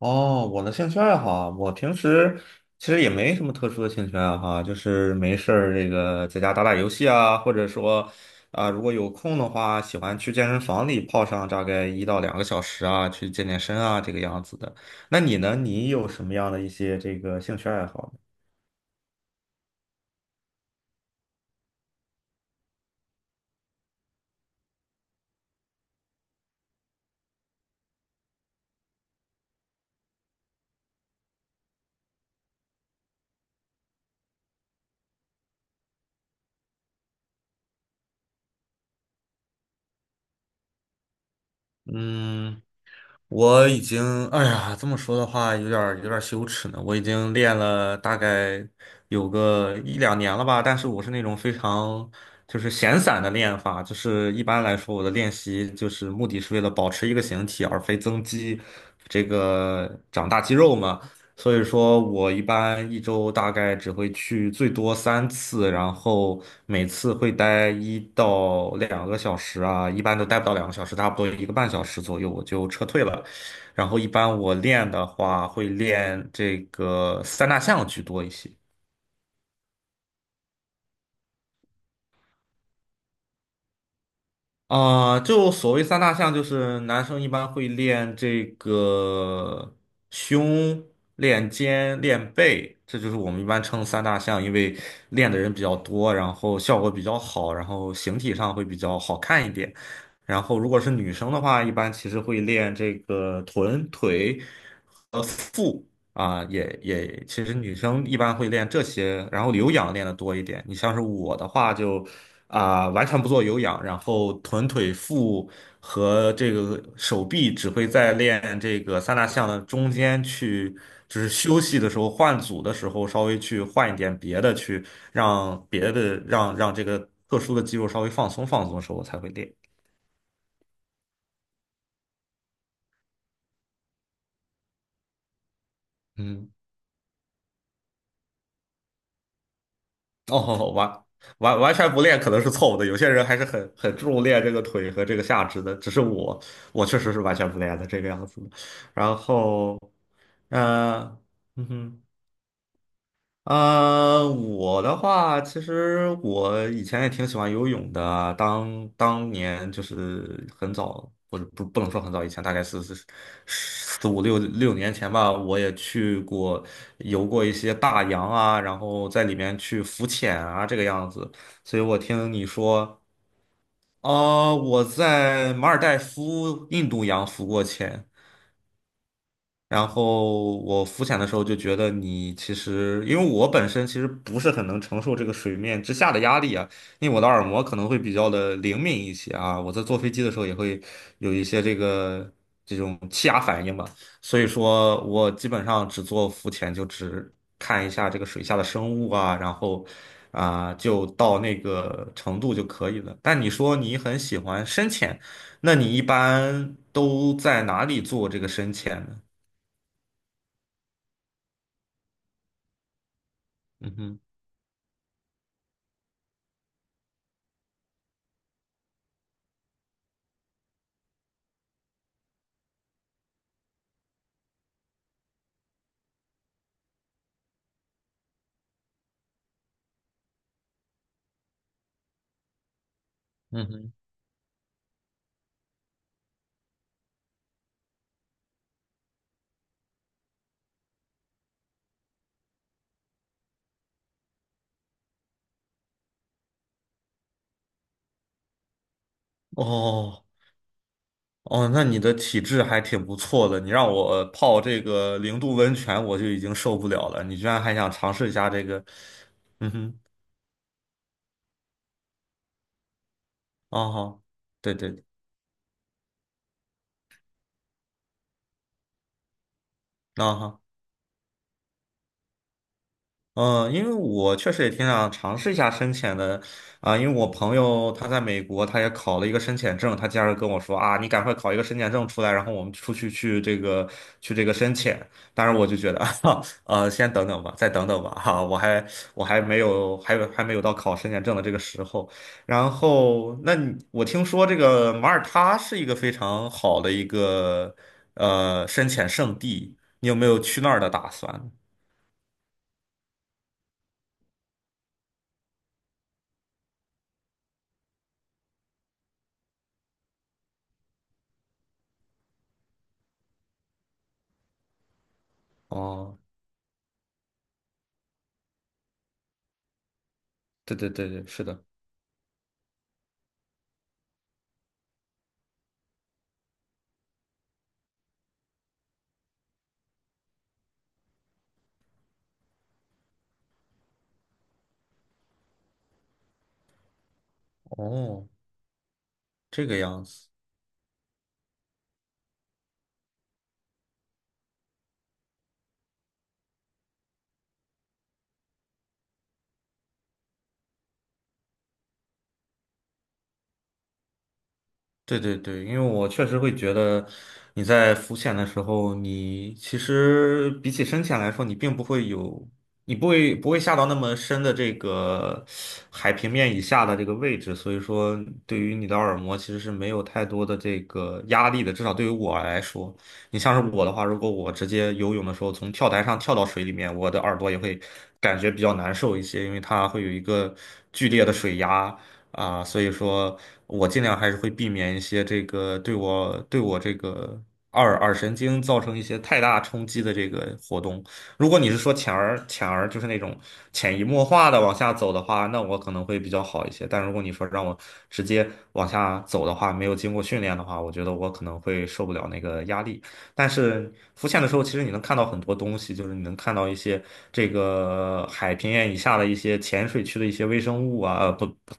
哦，我的兴趣爱好啊，我平时其实也没什么特殊的兴趣爱好啊，就是没事儿这个在家打打游戏啊，或者说啊，如果有空的话，喜欢去健身房里泡上大概一到两个小时啊，去健身啊，这个样子的。那你呢？你有什么样的一些这个兴趣爱好呢？嗯。我已经，哎呀，这么说的话，有点儿羞耻呢。我已经练了大概有个1两年了吧，但是我是那种非常就是闲散的练法。就是一般来说，我的练习就是目的是为了保持一个形体，而非增肌，这个长大肌肉嘛。所以说我一般一周大概只会去最多3次，然后每次会待一到两个小时啊，一般都待不到两个小时，差不多1个半小时左右我就撤退了。然后一般我练的话，会练这个三大项居多一些。就所谓三大项，就是男生一般会练这个胸、练肩、练背，这就是我们一般称三大项。因为练的人比较多，然后效果比较好，然后形体上会比较好看一点。然后如果是女生的话，一般其实会练这个臀、腿和腹啊，也，其实女生一般会练这些，然后有氧练的多一点。你像是我的话就。完全不做有氧，然后臀腿腹和这个手臂只会在练这个三大项的中间去，就是休息的时候换组的时候稍微去换一点别的，去让别的让让这个特殊的肌肉稍微放松的时候我才会练。嗯。哦，完全不练可能是错误的，有些人还是很注重练这个腿和这个下肢的，只是我确实是完全不练的这个样子的。然后，呃，嗯哼。我的话，其实我以前也挺喜欢游泳的。当年就是很早，不能说很早以前，大概是四五六年前吧，我也去过游过一些大洋啊，然后在里面去浮潜啊，这个样子。所以我听你说，哦、我在马尔代夫印度洋浮过潜。然后我浮潜的时候就觉得你其实，因为我本身其实不是很能承受这个水面之下的压力啊，因为我的耳膜可能会比较的灵敏一些啊，我在坐飞机的时候也会有一些这个这种气压反应吧，所以说我基本上只做浮潜，就只看一下这个水下的生物啊，然后就到那个程度就可以了。但你说你很喜欢深潜，那你一般都在哪里做这个深潜呢？嗯哼。嗯哼。哦哦，那你的体质还挺不错的。你让我泡这个0度温泉，我就已经受不了了，你居然还想尝试一下这个？嗯哼。啊哦。对对。啊哈。嗯，因为我确实也挺想尝试一下深潜的啊。因为我朋友他在美国，他也考了一个深潜证，他经常跟我说啊，你赶快考一个深潜证出来，然后我们出去去这个深潜。当然，我就觉得 先等等吧，再等等吧。我还没有到考深潜证的这个时候。然后，那你我听说这个马耳他是一个非常好的一个深潜圣地，你有没有去那儿的打算？哦。对对对对，是的。哦，这个样子。对对对，因为我确实会觉得你在浮潜的时候，你其实比起深潜来说，你并不会有，你不会下到那么深的这个海平面以下的这个位置。所以说对于你的耳膜其实是没有太多的这个压力的，至少对于我来说，你像是我的话，如果我直接游泳的时候从跳台上跳到水里面，我的耳朵也会感觉比较难受一些，因为它会有一个剧烈的水压。啊，所以说我尽量还是会避免一些这个对我这个二耳神经造成一些太大冲击的这个活动。如果你是说浅而浅而就是那种潜移默化的往下走的话，那我可能会比较好一些。但如果你说让我直接往下走的话，没有经过训练的话，我觉得我可能会受不了那个压力。但是浮潜的时候，其实你能看到很多东西，就是你能看到一些这个海平面以下的一些浅水区的一些微生物啊，呃，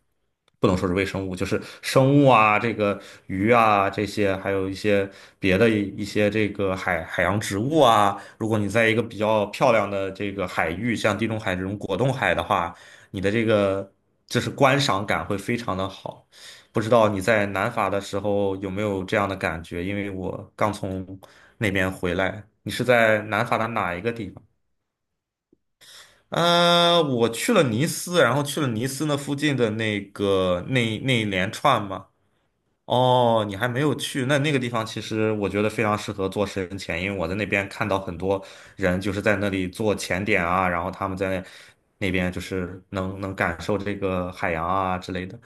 不能说是微生物，就是生物啊，这个鱼啊这些，还有一些别的一些这个海洋植物啊。如果你在一个比较漂亮的这个海域，像地中海这种果冻海的话，你的这个就是观赏感会非常的好。不知道你在南法的时候有没有这样的感觉？因为我刚从那边回来。你是在南法的哪一个地方？我去了尼斯，然后去了尼斯那附近的那个那一连串嘛。哦，你还没有去，那那个地方其实我觉得非常适合做深潜，因为我在那边看到很多人就是在那里做潜点啊，然后他们在那边就是能感受这个海洋啊之类的。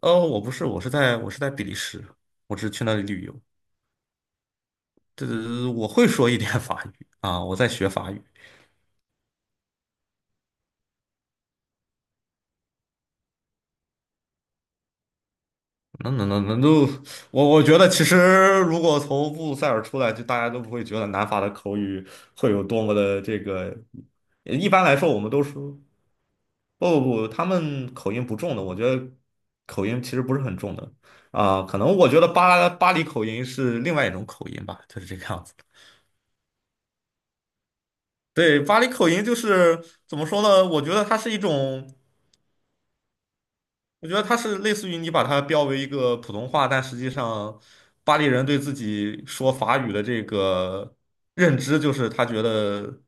哦，我不是，我是在比利时，我只是去那里旅游。这我会说一点法语啊，我在学法语。那那那那都，我觉得其实如果从布鲁塞尔出来，就大家都不会觉得南法的口语会有多么的这个。一般来说，我们都说不，他们口音不重的。我觉得口音其实不是很重的啊。可能我觉得巴黎口音是另外一种口音吧，就是这个样子。对，巴黎口音就是怎么说呢？我觉得它是一种。我觉得它是类似于你把它标为一个普通话，但实际上巴黎人对自己说法语的这个认知，就是他觉得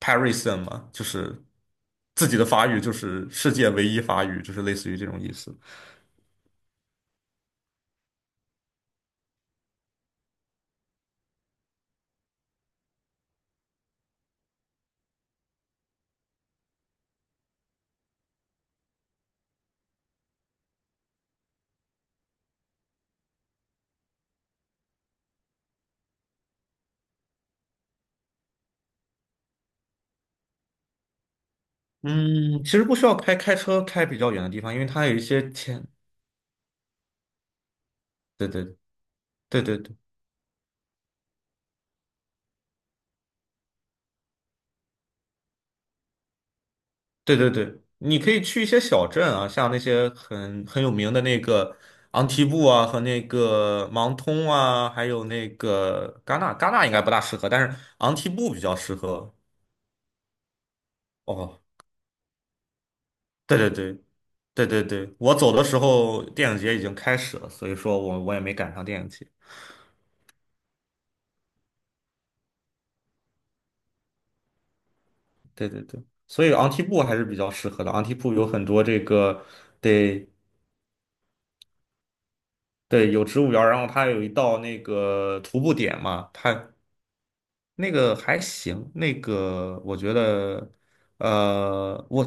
Parisian 嘛，就是自己的法语就是世界唯一法语，就是类似于这种意思。嗯，其实不需要开车开比较远的地方，因为它有一些天，对对对。对对对，你可以去一些小镇啊，像那些很有名的那个昂提布啊，和那个芒通啊，还有那个戛纳。戛纳应该不大适合，但是昂提布比较适合。哦，对对对对，我走的时候电影节已经开始了，所以说我也没赶上电影节。对对对，所以昂提布还是比较适合的。昂提布有很多这个，对对，有植物园儿。然后它有一道那个徒步点嘛。它那个还行，那个我觉得，呃，我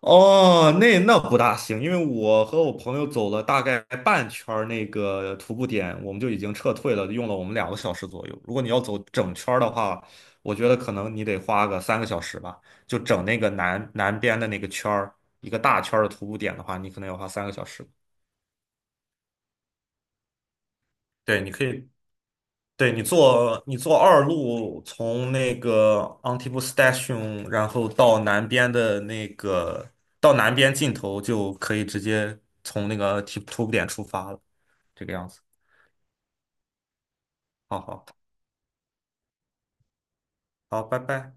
哦，那那不大行，因为我和我朋友走了大概半圈儿那个徒步点，我们就已经撤退了，用了我们两个小时左右。如果你要走整圈儿的话，我觉得可能你得花个三个小时吧，就整那个南边的那个圈儿，一个大圈儿的徒步点的话，你可能要花三个小时。对，你可以你坐2路，从那个 Antibus Station，然后到南边的那个到南边尽头，就可以直接从那个提图布点出发了，这个样子。好好好，拜拜。